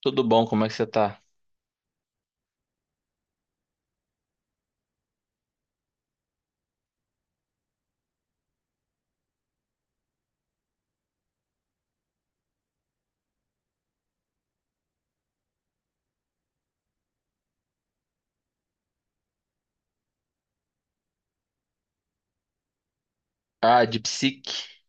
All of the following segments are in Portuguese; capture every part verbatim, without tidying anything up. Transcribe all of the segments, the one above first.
Tudo bom? Como é que você tá? Ah, de psique.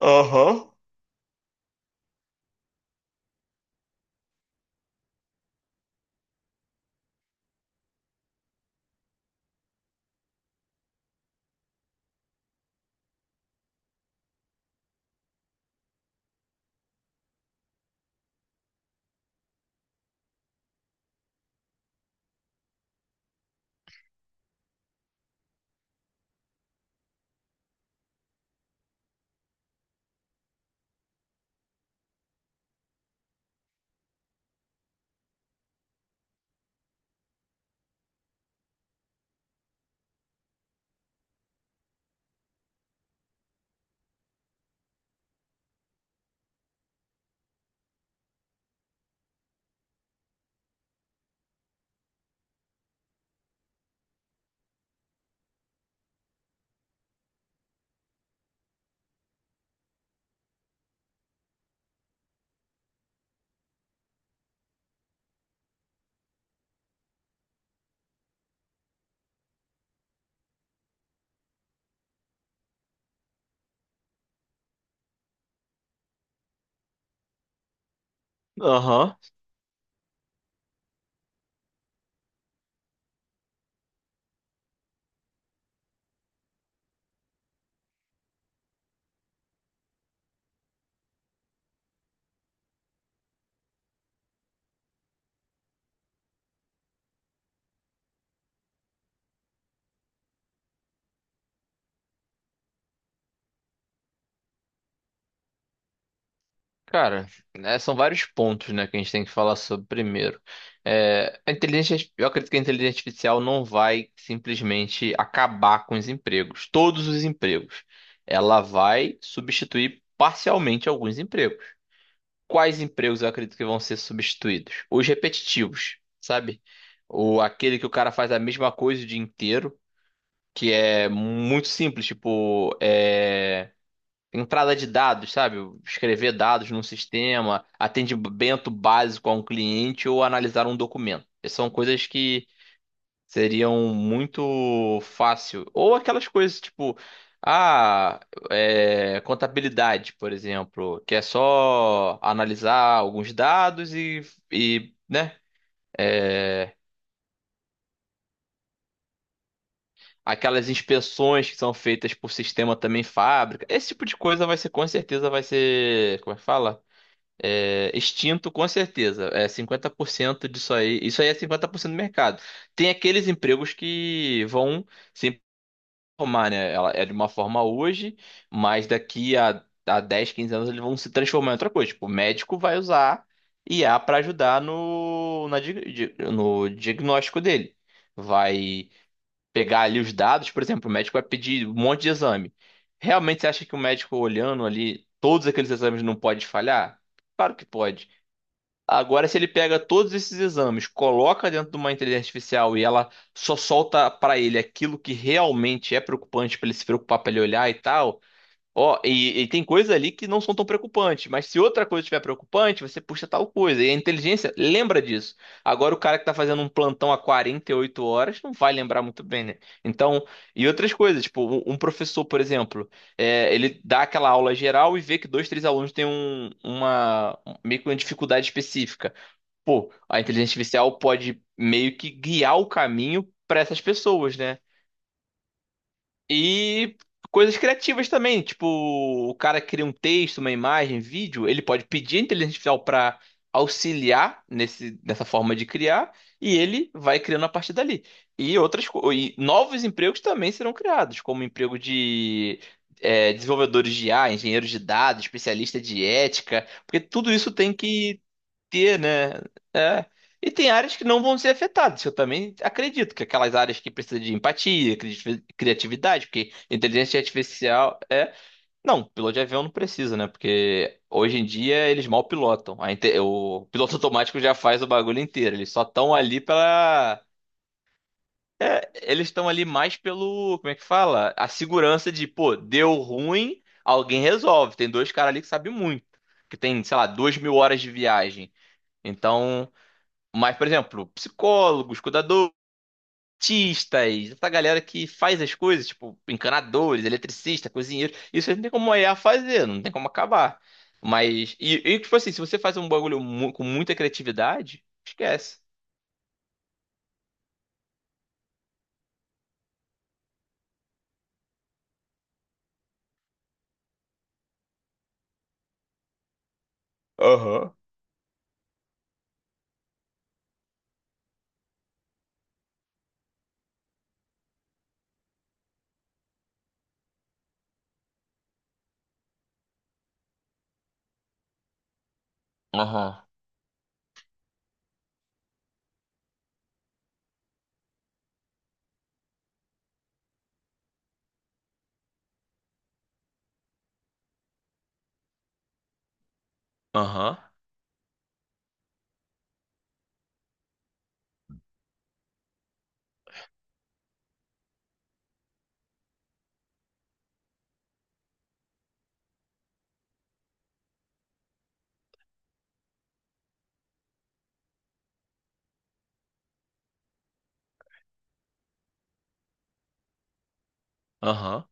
Aham. Aham. Cara, né, são vários pontos, né, que a gente tem que falar sobre primeiro. É, a inteligência, eu acredito que a inteligência artificial não vai simplesmente acabar com os empregos, todos os empregos. Ela vai substituir parcialmente alguns empregos. Quais empregos eu acredito que vão ser substituídos? Os repetitivos, sabe? O, aquele que o cara faz a mesma coisa o dia inteiro. Que é muito simples, tipo, é, entrada de dados, sabe? Escrever dados num sistema, atendimento básico a um cliente ou analisar um documento. Essas são coisas que seriam muito fácil. Ou aquelas coisas tipo, ah, é, contabilidade, por exemplo, que é só analisar alguns dados e, e né? É, aquelas inspeções que são feitas por sistema também fábrica. Esse tipo de coisa vai ser, com certeza, vai ser, como é que fala? É, extinto, com certeza. É cinquenta por cento disso aí. Isso aí é cinquenta por cento do mercado. Tem aqueles empregos que vão se formar, né? Ela é de uma forma hoje, mas daqui a, a dez quinze anos eles vão se transformar em outra coisa. Tipo, o médico vai usar I a para ajudar no, na, di- di- no diagnóstico dele. Vai pegar ali os dados, por exemplo, o médico vai pedir um monte de exame. Realmente você acha que o médico olhando ali todos aqueles exames não pode falhar? Claro que pode. Agora, se ele pega todos esses exames, coloca dentro de uma inteligência artificial e ela só solta para ele aquilo que realmente é preocupante para ele se preocupar, para ele olhar e tal, ó, e, e tem coisas ali que não são tão preocupantes, mas se outra coisa estiver preocupante, você puxa tal coisa. E a inteligência lembra disso. Agora, o cara que tá fazendo um plantão há quarenta e oito horas não vai lembrar muito bem, né? Então, e outras coisas, tipo, um, um professor, por exemplo, é, ele dá aquela aula geral e vê que dois, três alunos têm um, uma, meio que uma dificuldade específica. Pô, a inteligência artificial pode meio que guiar o caminho para essas pessoas, né? E coisas criativas também, tipo, o cara cria um texto, uma imagem, vídeo, ele pode pedir a inteligência artificial para auxiliar nesse, nessa forma de criar, e ele vai criando a partir dali. E outras co- e novos empregos também serão criados, como emprego de é, desenvolvedores de I A, engenheiros de dados, especialista de ética, porque tudo isso tem que ter, né? É. E tem áreas que não vão ser afetadas. Eu também acredito que aquelas áreas que precisam de empatia, cri- criatividade, porque inteligência artificial é. Não, piloto de avião não precisa, né? Porque hoje em dia eles mal pilotam. A inte- O piloto automático já faz o bagulho inteiro. Eles só estão ali pela. Eles estão ali mais pelo. Como é que fala? A segurança de, pô, deu ruim, alguém resolve. Tem dois caras ali que sabem muito. Que tem, sei lá, duas mil horas de viagem. Então. Mas, por exemplo, psicólogos, cuidadores, artistas, essa galera que faz as coisas, tipo encanadores, eletricista, cozinheiro, isso aí não tem como a I A fazer, não tem como acabar. Mas, e, e tipo assim, se você faz um bagulho mu- com muita criatividade, esquece. Aham. Aham, aham, aham.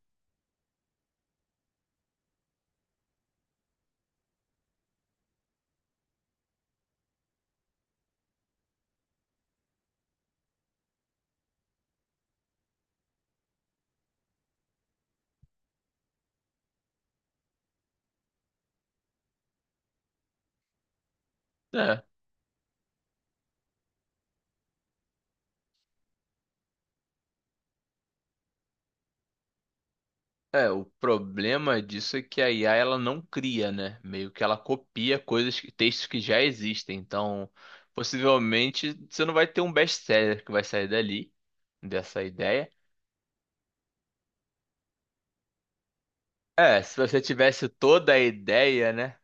É. É, o problema disso é que a I A ela não cria, né? Meio que ela copia coisas, que- textos que já existem. Então, possivelmente você não vai ter um best-seller que vai sair dali, dessa ideia. É, se você tivesse toda a ideia, né?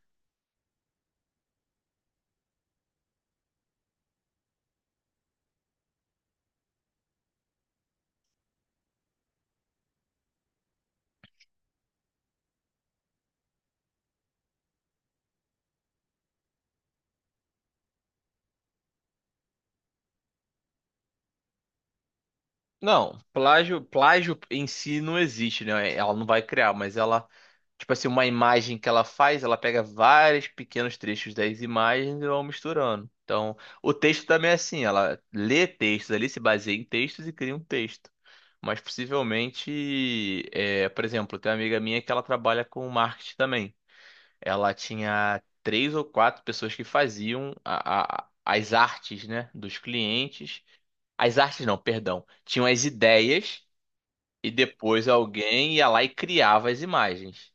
Não, plágio, plágio em si não existe, né? Ela não vai criar, mas ela, tipo assim, uma imagem que ela faz, ela pega vários pequenos trechos das imagens e vai misturando. Então, o texto também é assim, ela lê textos ali, se baseia em textos e cria um texto. Mas possivelmente, é, por exemplo, tem uma amiga minha que ela trabalha com marketing também. Ela tinha três ou quatro pessoas que faziam a- a- as artes, né, dos clientes. As artes não, perdão. Tinham as ideias e depois alguém ia lá e criava as imagens.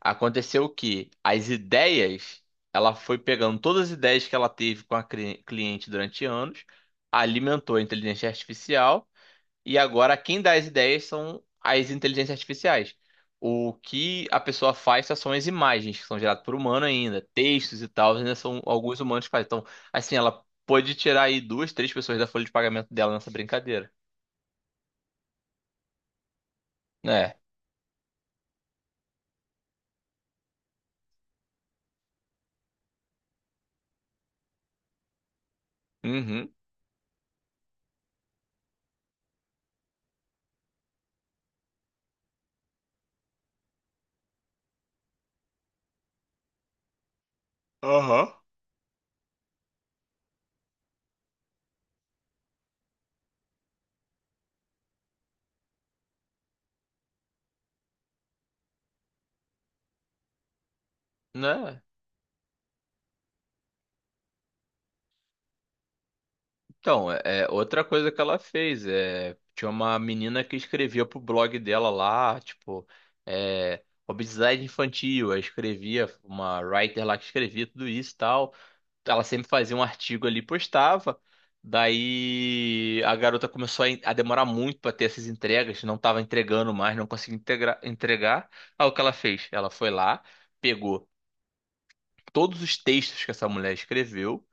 Aconteceu que as ideias, ela foi pegando todas as ideias que ela teve com a cri- cliente durante anos, alimentou a inteligência artificial e agora quem dá as ideias são as inteligências artificiais. O que a pessoa faz só são as imagens que são geradas por humano ainda, textos e tal, ainda são alguns humanos que fazem. Então, assim, ela pode tirar aí duas, três pessoas da folha de pagamento dela nessa brincadeira. É. Uhum. Aham. Né? Então, é, é outra coisa que ela fez é tinha uma menina que escrevia pro blog dela lá, tipo, é, obesidade infantil, aí escrevia uma writer lá que escrevia tudo isso e tal. Ela sempre fazia um artigo ali, e postava. Daí a garota começou a, en- a demorar muito para ter essas entregas, não estava entregando mais, não conseguia integra- entregar. Aí o que ela fez? Ela foi lá, pegou todos os textos que essa mulher escreveu,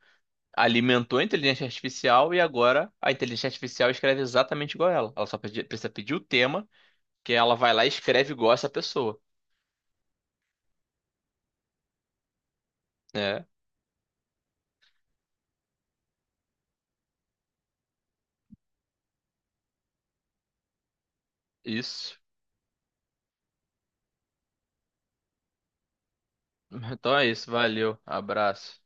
alimentou a inteligência artificial e agora a inteligência artificial escreve exatamente igual a ela. Ela só pedi- precisa pedir o tema, que ela vai lá e escreve igual essa pessoa. É, isso. Então é isso, valeu, abraço.